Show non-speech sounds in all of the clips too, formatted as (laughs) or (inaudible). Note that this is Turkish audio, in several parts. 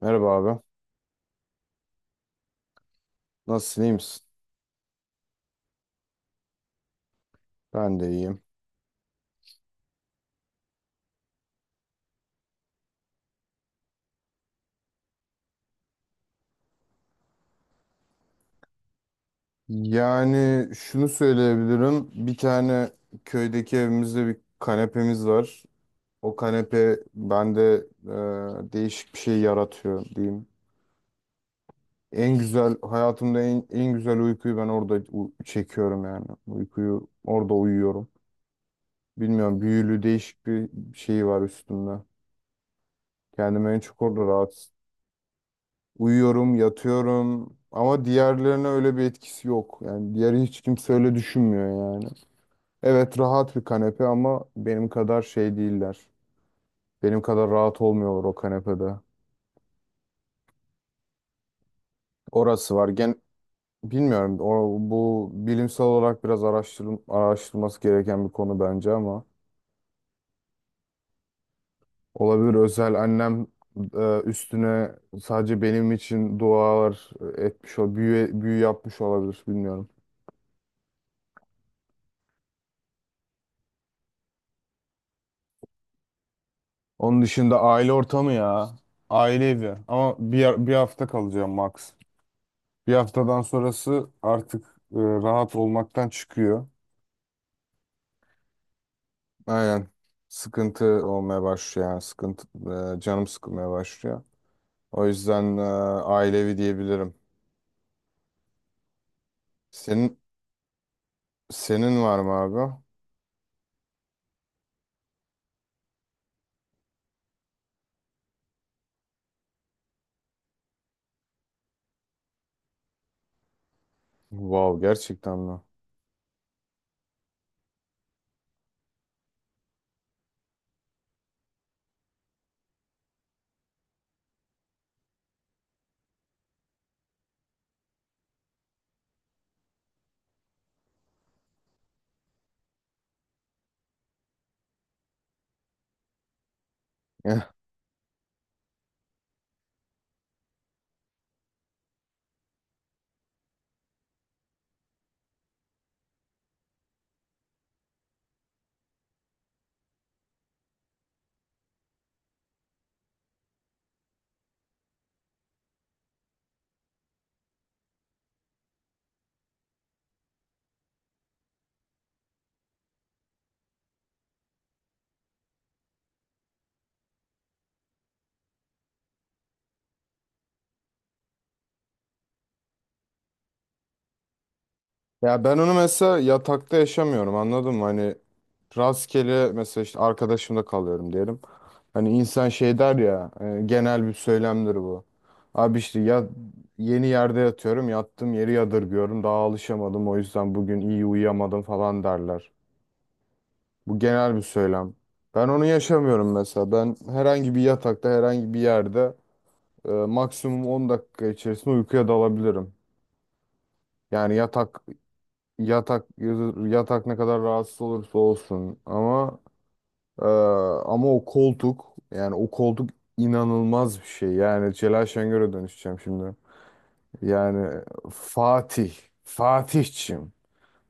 Merhaba abi. Nasılsın, iyi misin? Ben de iyiyim. Yani şunu söyleyebilirim. Bir tane köydeki evimizde bir kanepemiz var. O kanepe bende değişik bir şey yaratıyor diyeyim. En güzel, hayatımda en güzel uykuyu ben orada çekiyorum yani. Uykuyu orada uyuyorum. Bilmiyorum, büyülü değişik bir şey var üstümde. Kendimi en çok orada rahat. Uyuyorum, yatıyorum ama diğerlerine öyle bir etkisi yok. Yani diğeri hiç kimse öyle düşünmüyor yani. Evet, rahat bir kanepe ama benim kadar şey değiller. Benim kadar rahat olmuyorlar o kanepede. Orası var. Bilmiyorum. O, bu bilimsel olarak biraz araştırılması gereken bir konu bence ama olabilir. Özel annem üstüne sadece benim için dualar etmiş, o büyü yapmış olabilir, bilmiyorum. Onun dışında aile ortamı ya. Aile evi. Ama bir hafta kalacağım max. Bir haftadan sonrası artık rahat olmaktan çıkıyor. Aynen. Sıkıntı olmaya başlıyor yani. Sıkıntı, canım sıkılmaya başlıyor. O yüzden aile diyebilirim. Senin senin var mı abi? Wow, gerçekten mi? (laughs) Ya ben onu mesela yatakta yaşamıyorum, anladın mı? Hani rastgele mesela işte arkadaşımda kalıyorum diyelim. Hani insan şey der ya, genel bir söylemdir bu. Abi işte ya, yeni yerde yatıyorum, yattığım yeri yadırgıyorum, daha alışamadım, o yüzden bugün iyi uyuyamadım falan derler. Bu genel bir söylem. Ben onu yaşamıyorum mesela. Ben herhangi bir yatakta herhangi bir yerde maksimum 10 dakika içerisinde uykuya dalabilirim. Yani yatak Yatak yatak ne kadar rahatsız olursa olsun, e, ama o koltuk yani o koltuk inanılmaz bir şey. Yani Celal Şengör'e dönüşeceğim şimdi. Yani Fatih, Fatihçim,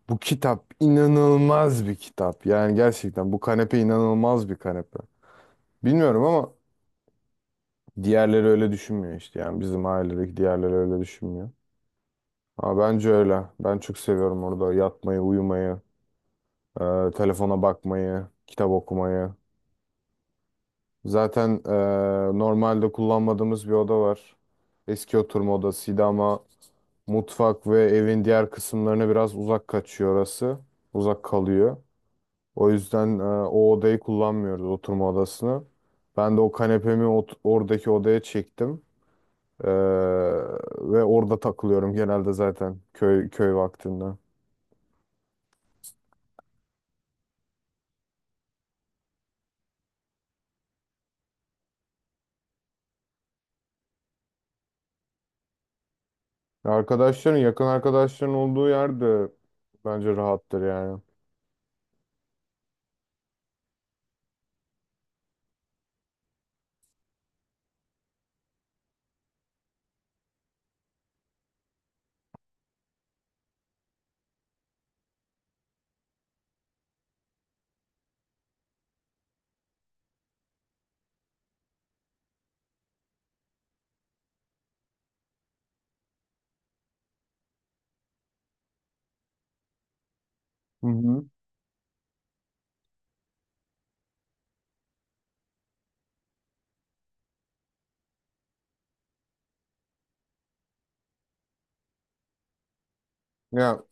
bu kitap inanılmaz bir kitap. Yani gerçekten bu kanepe inanılmaz bir kanepe. Bilmiyorum ama diğerleri öyle düşünmüyor işte. Yani bizim ailedeki diğerleri öyle düşünmüyor. Ama bence öyle. Ben çok seviyorum orada yatmayı, uyumayı. Telefona bakmayı, kitap okumayı. Zaten normalde kullanmadığımız bir oda var. Eski oturma odasıydı ama mutfak ve evin diğer kısımlarına biraz uzak kaçıyor orası. Uzak kalıyor. O yüzden o odayı kullanmıyoruz, oturma odasını. Ben de o kanepemi oradaki odaya çektim. Ee, ve orada takılıyorum genelde, zaten köy vaktinde. Arkadaşların, yakın arkadaşların olduğu yerde bence rahattır yani. Hı hı. Ya,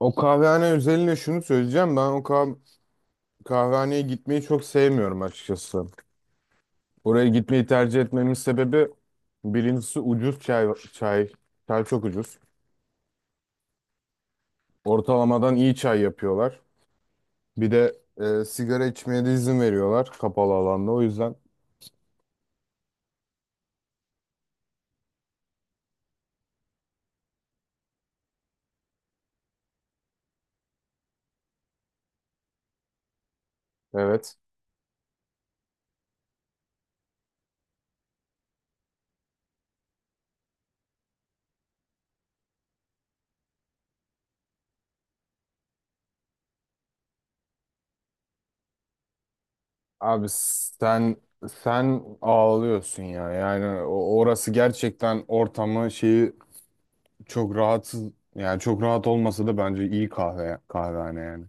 o kahvehane özelinde şunu söyleyeceğim. Ben o kah kahvehaneye gitmeyi çok sevmiyorum açıkçası. Oraya gitmeyi tercih etmemin sebebi birincisi ucuz çay. Çay, çay çok ucuz. Ortalamadan iyi çay yapıyorlar. Bir de sigara içmeye de izin veriyorlar kapalı alanda. O yüzden evet. Abi sen ağlıyorsun ya. Yani orası gerçekten ortamı şeyi. Çok rahatsız, yani çok rahat olmasa da bence iyi kahvehane yani.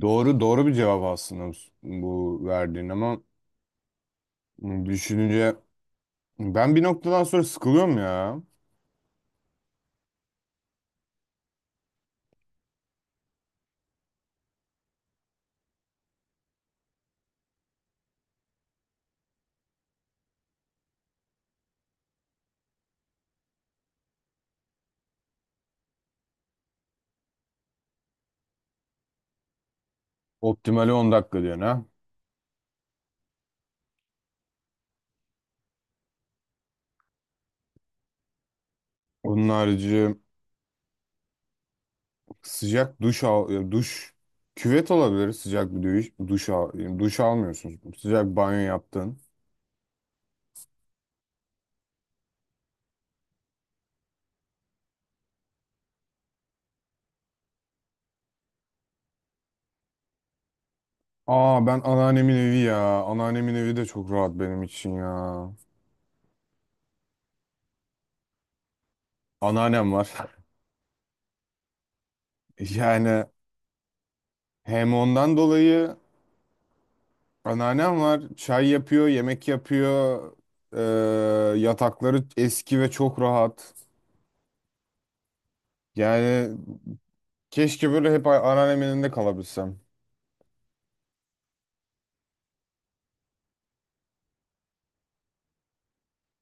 Doğru doğru bir cevap aslında bu verdiğin, ama düşününce ben bir noktadan sonra sıkılıyorum ya. Optimali 10 dakika diyorsun ha. Onun harici sıcak duş al, duş, küvet olabilir, sıcak bir duş al yani, duş almıyorsun, sıcak banyo yaptın. Aa, ben anneannemin evi ya, anneannemin evi de çok rahat benim için ya. Anneannem var, (laughs) yani. Hem ondan dolayı anneannem var. Çay yapıyor, yemek yapıyor. Ee, yatakları eski ve çok rahat. Yani keşke böyle hep anneannemin elinde kalabilsem.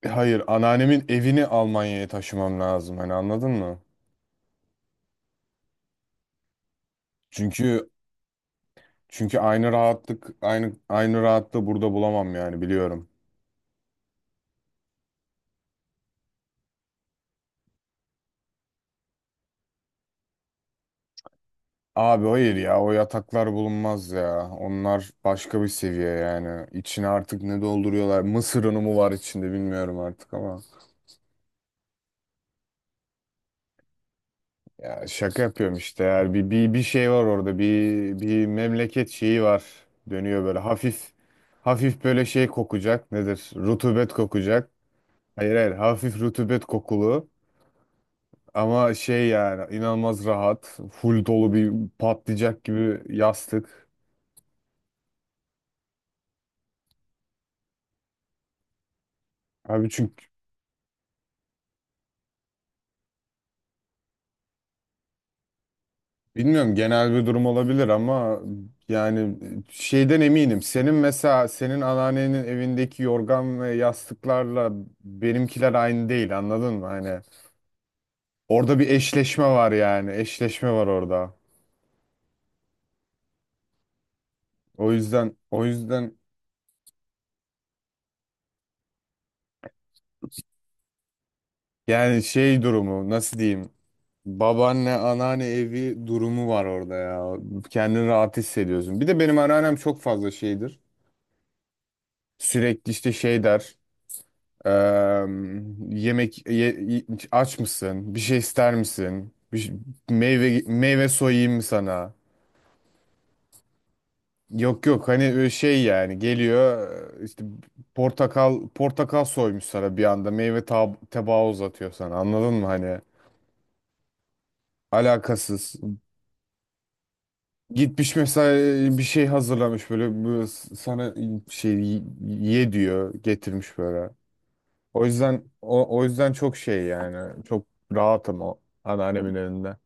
Hayır, anneannemin evini Almanya'ya taşımam lazım. Hani, anladın mı? Çünkü çünkü aynı rahatlık, aynı rahatlığı burada bulamam yani, biliyorum. Abi hayır ya, o yataklar bulunmaz ya. Onlar başka bir seviye yani. İçine artık ne dolduruyorlar? Mısır unu mu var içinde, bilmiyorum artık ama. Ya, şaka yapıyorum işte. Yani bir şey var orada. Bir memleket şeyi var. Dönüyor böyle hafif. Hafif böyle şey kokacak. Nedir? Rutubet kokacak. Hayır, hayır. Hafif rutubet kokulu. Ama şey yani, inanılmaz rahat. Full dolu bir patlayacak gibi yastık. Abi çünkü bilmiyorum, genel bir durum olabilir ama yani şeyden eminim. Senin mesela anneannenin evindeki yorgan ve yastıklarla benimkiler aynı değil, anladın mı? Hani, orada bir eşleşme var yani. Eşleşme var orada. O yüzden, yani şey durumu, nasıl diyeyim? Babaanne, anneanne evi durumu var orada ya. Kendini rahat hissediyorsun. Bir de benim anneannem çok fazla şeydir. Sürekli işte şey der. eee, yemek aç mısın? Bir şey ister misin? Meyve soyayım mı sana? Yok, yok, hani şey yani geliyor, işte portakal soymuş sana, bir anda meyve tabağı uzatıyor sana, anladın mı hani, alakasız gitmiş mesela, bir şey hazırlamış böyle, bu sana şey ye diyor, getirmiş böyle. O yüzden, o yüzden çok şey yani, çok rahatım o anneannemin elinde.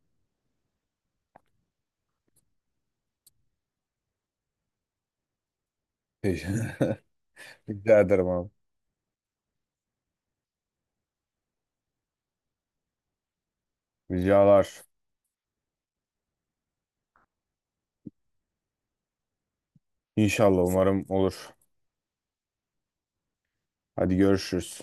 (laughs) Rica ederim abi, ricalar. İnşallah umarım olur, hadi görüşürüz.